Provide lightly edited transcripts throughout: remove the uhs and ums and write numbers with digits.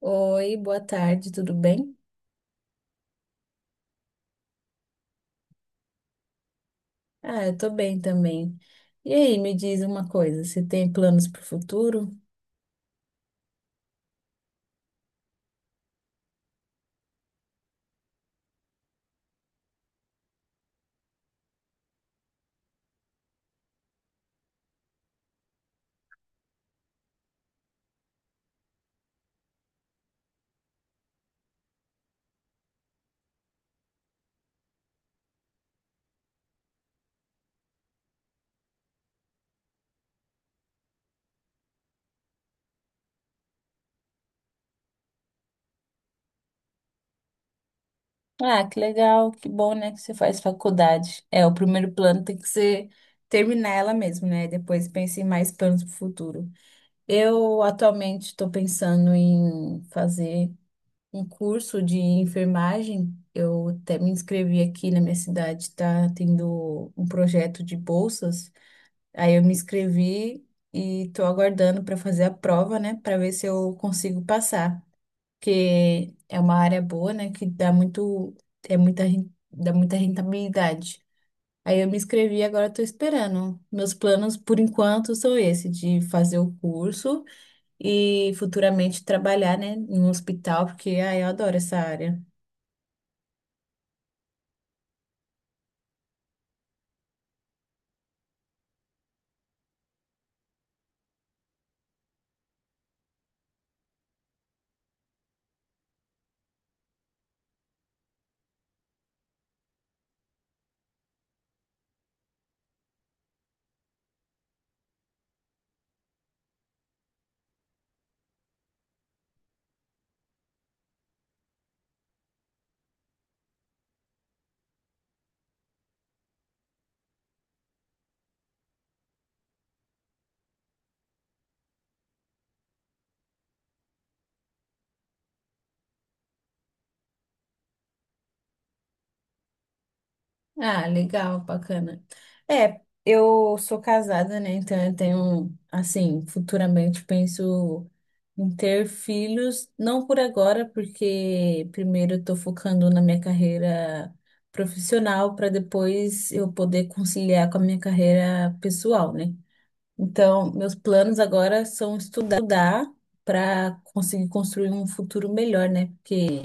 Oi, boa tarde, tudo bem? Ah, eu tô bem também. E aí, me diz uma coisa, você tem planos para o futuro? Ah, que legal, que bom, né, que você faz faculdade. É, o primeiro plano tem que ser terminar ela mesmo, né? Depois pense em mais planos para o futuro. Eu atualmente estou pensando em fazer um curso de enfermagem. Eu até me inscrevi aqui na minha cidade, tá tendo um projeto de bolsas. Aí eu me inscrevi e tô aguardando para fazer a prova, né, para ver se eu consigo passar, porque é uma área boa, né, que dá muito dá muita rentabilidade. Aí eu me inscrevi e agora tô esperando. Meus planos por enquanto são esse de fazer o curso e futuramente trabalhar, né, em um hospital, porque ah, eu adoro essa área. Ah, legal, bacana. É, eu sou casada, né? Então eu tenho, assim, futuramente penso em ter filhos, não por agora, porque primeiro eu tô focando na minha carreira profissional para depois eu poder conciliar com a minha carreira pessoal, né? Então, meus planos agora são estudar para conseguir construir um futuro melhor, né? Porque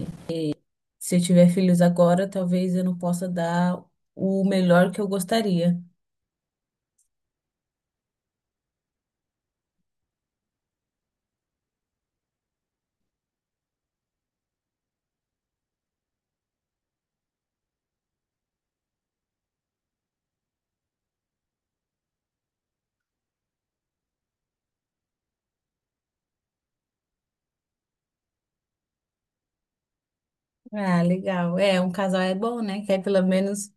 se eu tiver filhos agora, talvez eu não possa dar o melhor que eu gostaria. Ah, legal. É, um casal é bom, né? Que aí pelo menos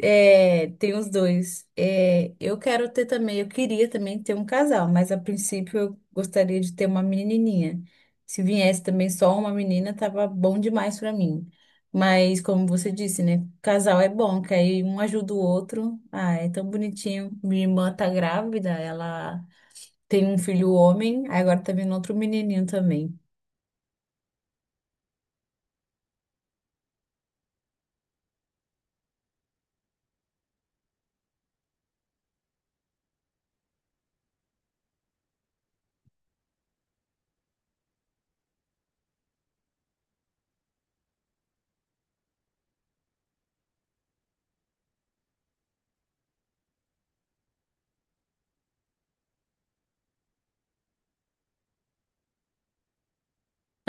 é, tem os dois. É, eu quero ter também, eu queria também ter um casal, mas a princípio eu gostaria de ter uma menininha. Se viesse também só uma menina, tava bom demais para mim. Mas como você disse, né? Casal é bom, que aí um ajuda o outro. Ah, é tão bonitinho. Minha irmã tá grávida, ela tem um filho homem, aí agora tá vindo outro menininho também.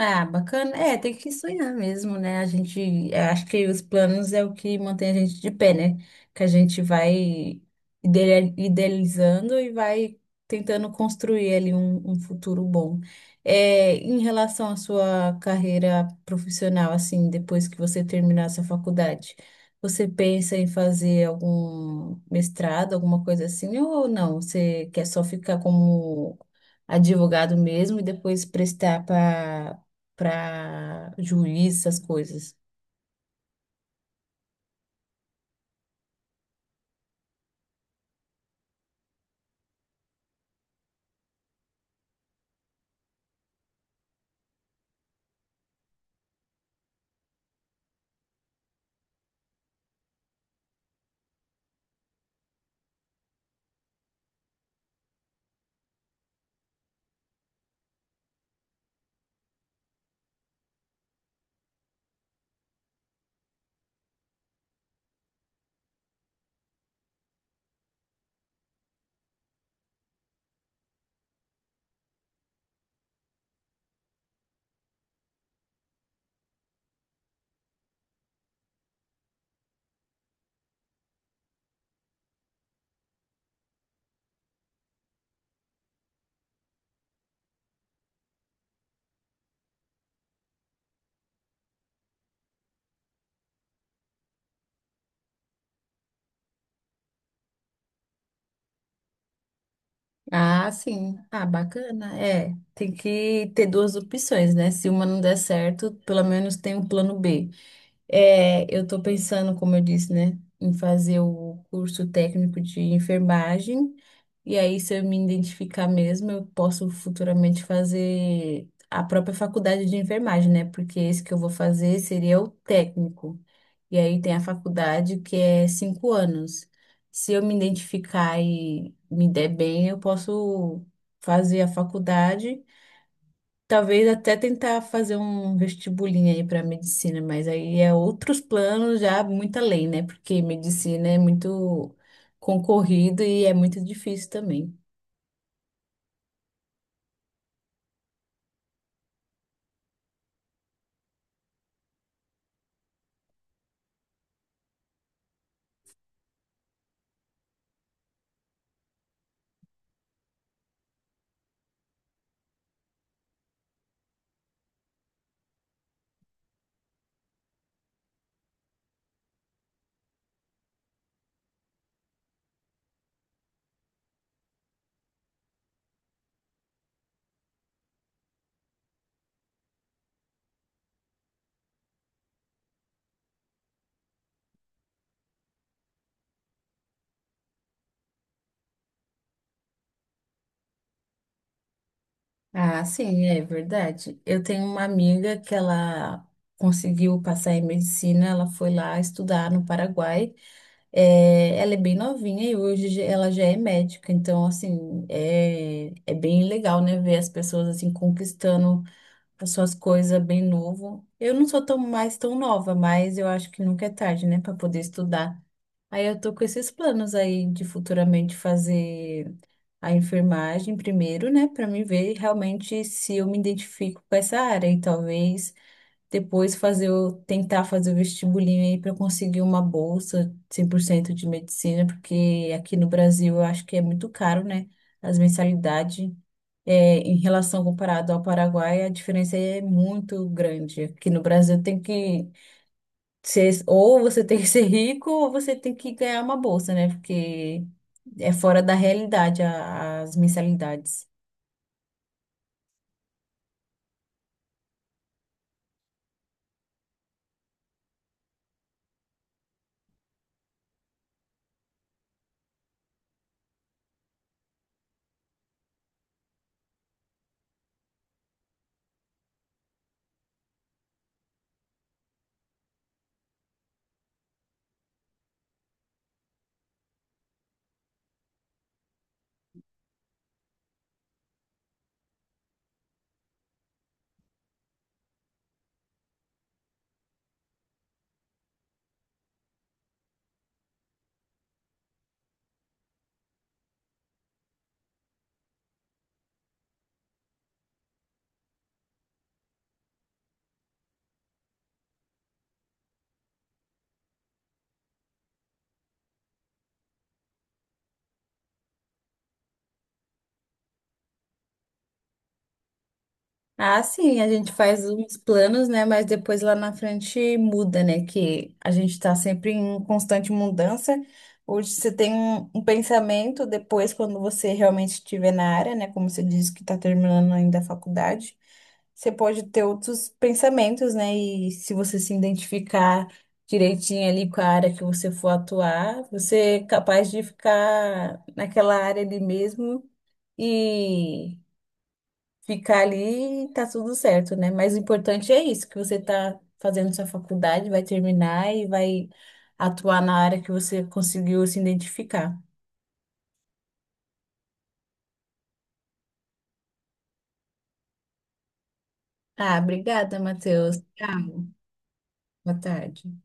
Ah, bacana. É, tem que sonhar mesmo, né? A gente, eu acho que os planos é o que mantém a gente de pé, né? Que a gente vai idealizando e vai tentando construir ali um futuro bom. É, em relação à sua carreira profissional, assim, depois que você terminar essa faculdade, você pensa em fazer algum mestrado, alguma coisa assim, ou não? Você quer só ficar como advogado mesmo e depois prestar para juiz, essas coisas. Ah, sim. Ah, bacana. É, tem que ter duas opções, né? Se uma não der certo, pelo menos tem um plano B. É, eu tô pensando, como eu disse, né, em fazer o curso técnico de enfermagem. E aí, se eu me identificar mesmo, eu posso futuramente fazer a própria faculdade de enfermagem, né? Porque esse que eu vou fazer seria o técnico. E aí tem a faculdade que é 5 anos. Se eu me identificar e me der bem, eu posso fazer a faculdade, talvez até tentar fazer um vestibulinho aí para medicina, mas aí é outros planos já muito além, né? Porque medicina é muito concorrido e é muito difícil também. Ah, sim, é verdade. Eu tenho uma amiga que ela conseguiu passar em medicina, ela foi lá estudar no Paraguai. É, ela é bem novinha e hoje ela já é médica, então, assim, é, é bem legal, né, ver as pessoas, assim, conquistando as suas coisas bem novo. Eu não sou tão mais tão nova, mas eu acho que nunca é tarde, né, para poder estudar. Aí eu tô com esses planos aí de futuramente fazer a enfermagem primeiro, né, para mim ver realmente se eu me identifico com essa área e talvez depois fazer tentar fazer o vestibulinho aí para conseguir uma bolsa 100% de medicina, porque aqui no Brasil eu acho que é muito caro, né? As mensalidades, é, em relação comparado ao Paraguai, a diferença é muito grande. Aqui no Brasil tem que ser, ou você tem que ser rico, ou você tem que ganhar uma bolsa, né? Porque é fora da realidade as mensalidades. Ah, sim, a gente faz uns planos, né? Mas depois lá na frente muda, né? Que a gente tá sempre em constante mudança. Hoje você tem um pensamento, depois, quando você realmente estiver na área, né? Como você disse que tá terminando ainda a faculdade, você pode ter outros pensamentos, né? E se você se identificar direitinho ali com a área que você for atuar, você é capaz de ficar naquela área ali mesmo ficar ali e tá tudo certo, né? Mas o importante é isso, que você tá fazendo sua faculdade, vai terminar e vai atuar na área que você conseguiu se identificar. Ah, obrigada, Matheus. Tchau. Boa tarde.